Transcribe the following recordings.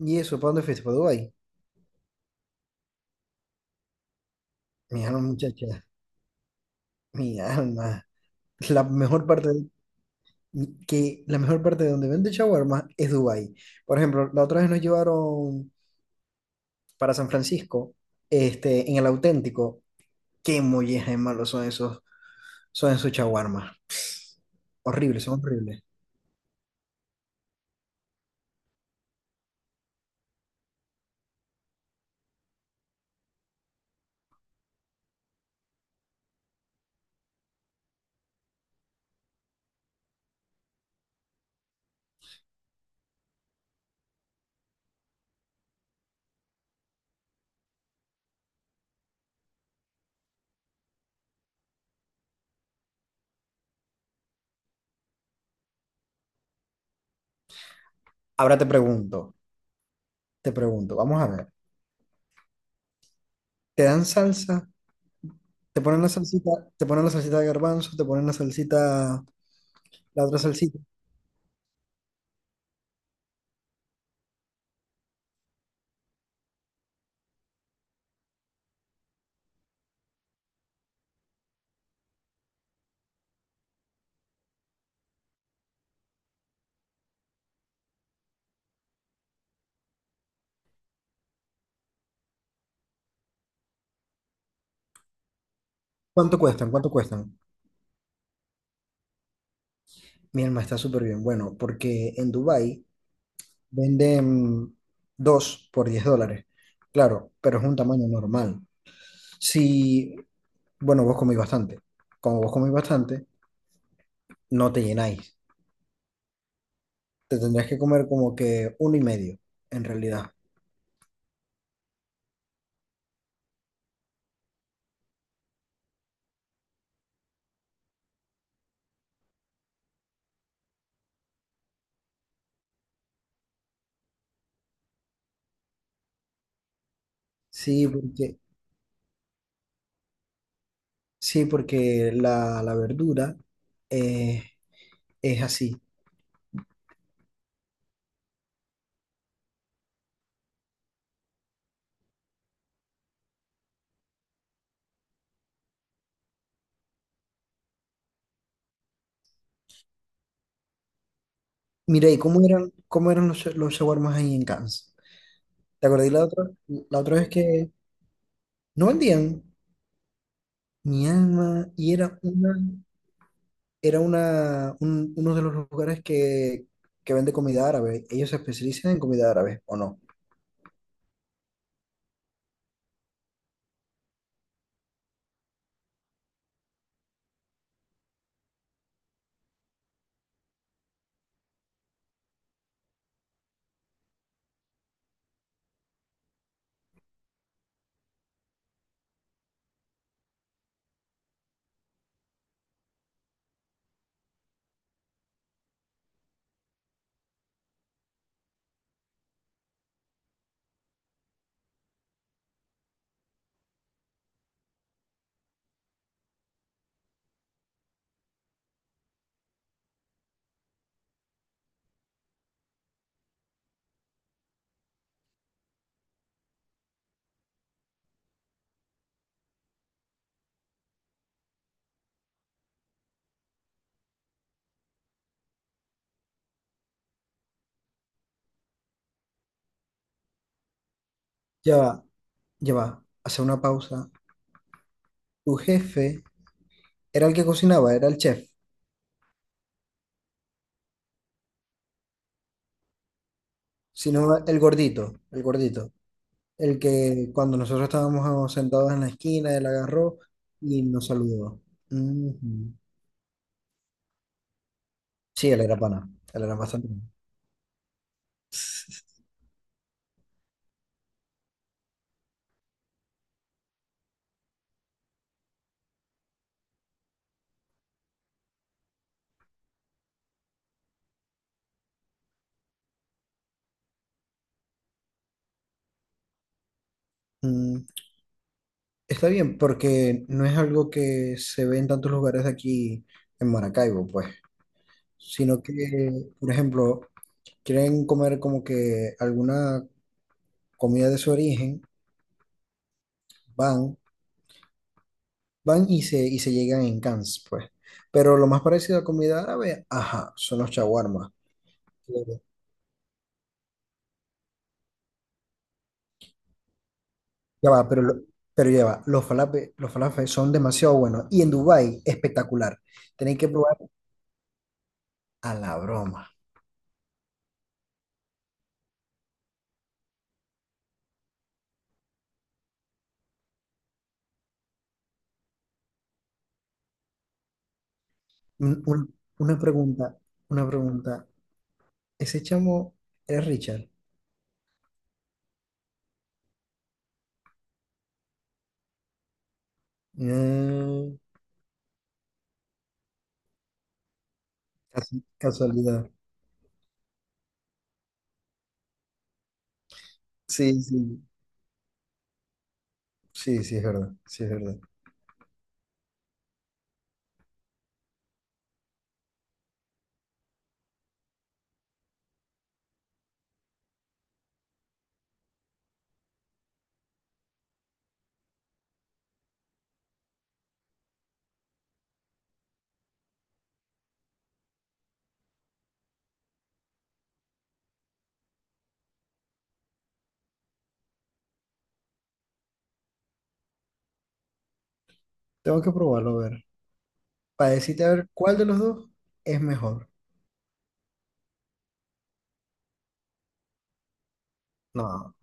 ¿Y eso? ¿Para dónde fuiste? ¿Para Dubái? Mi alma, muchacha. Mi alma. La mejor parte de- que la mejor parte de donde vende shawarma es Dubái. Por ejemplo, la otra vez nos llevaron para San Francisco, en el auténtico. Qué molleja de malos son esos shawarmas. Horribles, son horribles. Ahora te pregunto, vamos a ver. ¿Te dan salsa? ¿Te ponen la salsita? ¿Te ponen la salsita de garbanzo? ¿Te ponen la salsita, la otra salsita? ¿Cuánto cuestan? ¿Cuánto cuestan? Mi alma, está súper bien. Bueno, porque en Dubái venden dos por $10. Claro, pero es un tamaño normal. Si, bueno, vos comís bastante. Como vos comís bastante, no te llenáis. Te tendrías que comer como que uno y medio, en realidad. Sí, porque, sí, porque la verdura eh, es así. Mira, ¿y cómo eran los shawarmas ahí en Cannes? ¿Te acordás la otra vez que no vendían? Mi alma, y uno de los lugares que vende comida árabe. Ellos se especializan en comida árabe, ¿o no? Ya va, ya va, hace una pausa. Tu jefe era el que cocinaba, era el chef, sino el gordito, el gordito, el que cuando nosotros estábamos sentados en la esquina, él agarró y nos saludó. Ujú. Sí, él era pana, él era bastante pana. Está bien, porque no es algo que se ve en tantos lugares de aquí en Maracaibo, pues, sino que, por ejemplo, quieren comer como que alguna comida de su origen, van, van se llegan en cans, pues. Pero lo más parecido a comida árabe, ajá, son los shawarma. Ya va, pero, lo- pero ya va, los falafel son demasiado buenos. Y en Dubái, espectacular. Tenéis que probar a la broma. Un- un- una pregunta, una pregunta. Ese chamo es Richard. No, casualidad. Sí, sí. Sí, sí, es verdad. Sí, es verdad. Tengo que probarlo a ver. Para decirte a ver cuál de los dos es mejor. No,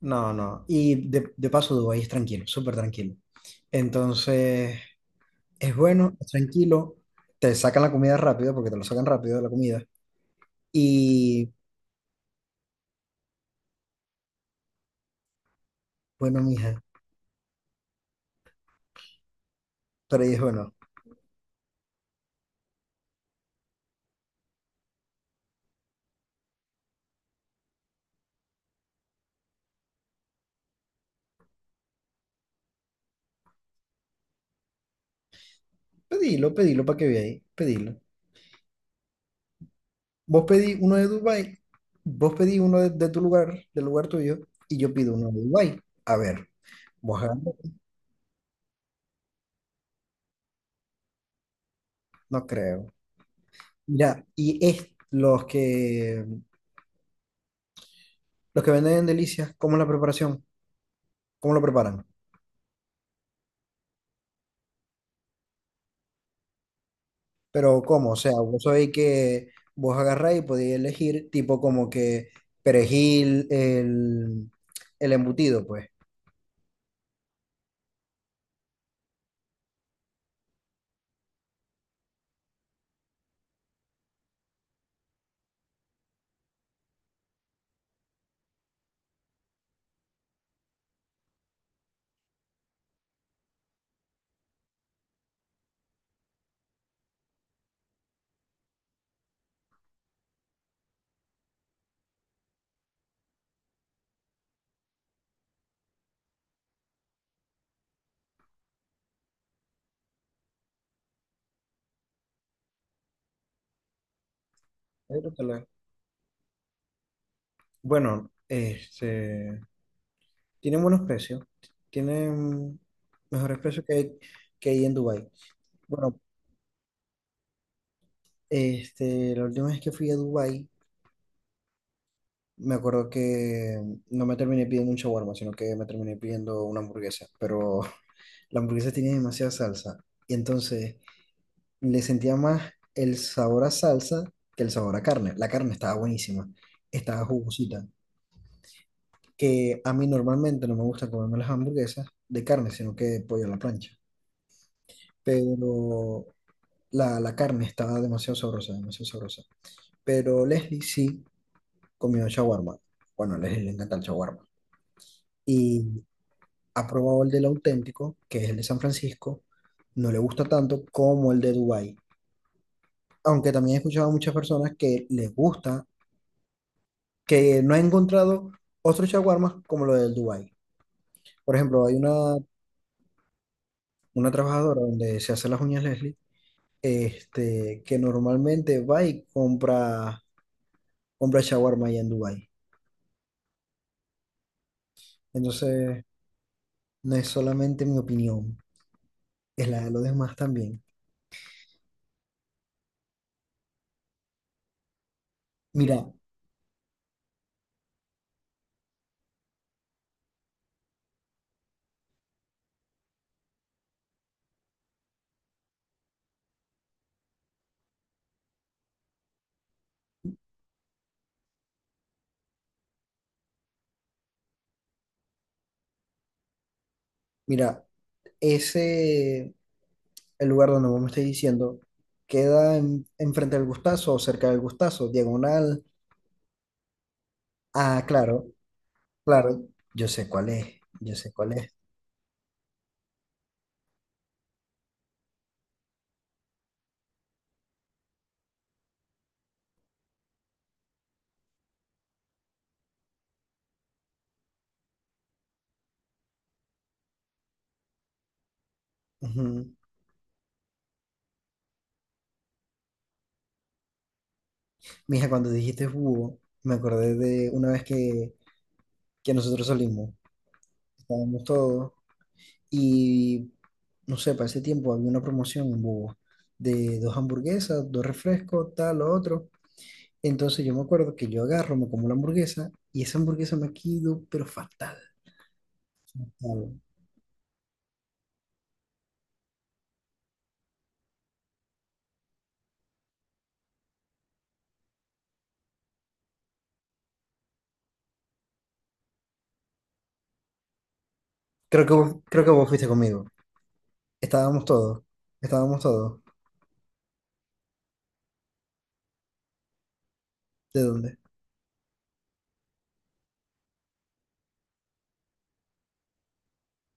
no, no. Y de paso, Dubái es tranquilo, súper tranquilo. Entonces, es bueno, es tranquilo. Te sacan la comida rápido, porque te lo sacan rápido la comida. Y bueno, mija, pero ahí es bueno. Pedilo, pedilo para que veáis. Pedilo. Vos pedí uno de Dubai, vos pedí uno de tu lugar, del lugar tuyo, y yo pido uno de Dubái. A ver, ¿vos agarrás? No creo. Mira, y es los que venden en Delicias, ¿cómo es la preparación? ¿Cómo lo preparan? Pero ¿cómo? O sea, vos sabéis que vos agarráis y podéis elegir tipo como que perejil, el embutido, pues. Ahí lo tenés. Bueno, tienen buenos precios. Tienen mejores precios que hay en Dubái. Bueno, la última vez que fui a Dubái, me acuerdo que no me terminé pidiendo un shawarma, sino que me terminé pidiendo una hamburguesa. Pero la hamburguesa tenía demasiada salsa. Y entonces le sentía más el sabor a salsa que el sabor a carne. La carne estaba buenísima. Estaba jugosita. Que a mí normalmente no me gusta comerme las hamburguesas de carne, sino que pollo a la plancha. Pero la carne estaba demasiado sabrosa, demasiado sabrosa. Pero Leslie sí comió shawarma. Bueno, a Leslie le encanta el shawarma. Y ha probado el del auténtico, que es el de San Francisco. No le gusta tanto como el de Dubái. Aunque también he escuchado a muchas personas que les gusta, que no ha encontrado otros shawarmas como lo del Dubái. Por ejemplo, hay una trabajadora donde se hace las uñas Leslie, que normalmente va y compra shawarma allá en Dubái. Entonces. No es solamente mi opinión, es la de los demás también. Mira, mira, ese, el lugar donde vos me estáis diciendo, queda enfrente del Gustazo o cerca del Gustazo, diagonal. Ah, claro, claro, yo sé cuál es, yo sé cuál es. Ujú. Mija, cuando dijiste búho, me acordé de una vez que nosotros salimos, estábamos todos, y no sé, para ese tiempo había una promoción en búho, de dos hamburguesas, dos refrescos, tal, lo otro. Entonces yo me acuerdo que yo agarro, me como la hamburguesa y esa hamburguesa me quedó, pero fatal. Claro. Creo que vos fuiste conmigo. Estábamos todos. Estábamos todos. ¿De dónde?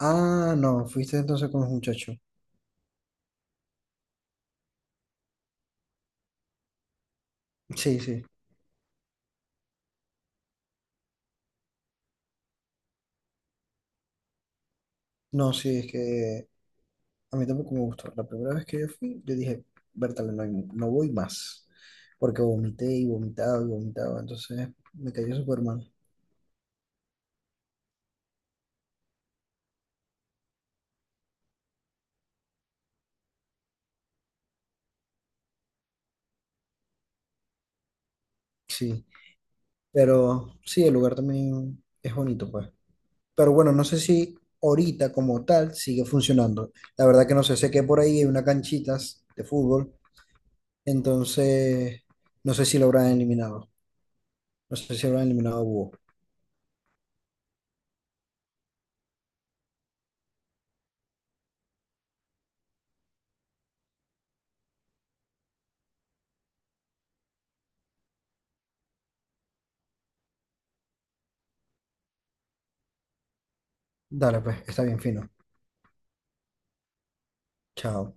Ah, no, fuiste entonces con los muchachos. Sí, sí. No, sí, es que a mí tampoco me gustó. La primera vez que yo fui, yo dije, Bertale, no, no voy más. Porque vomité y vomitaba y vomitaba. Entonces me cayó súper mal. Sí. Pero sí, el lugar también es bonito, pues. Pero bueno, no sé si ahorita como tal sigue funcionando. La verdad que no sé, sé que por ahí hay unas canchitas de fútbol, entonces no sé si lo habrán eliminado. No sé si lo habrán eliminado a Búho. Dale, pues, está bien fino. Chao.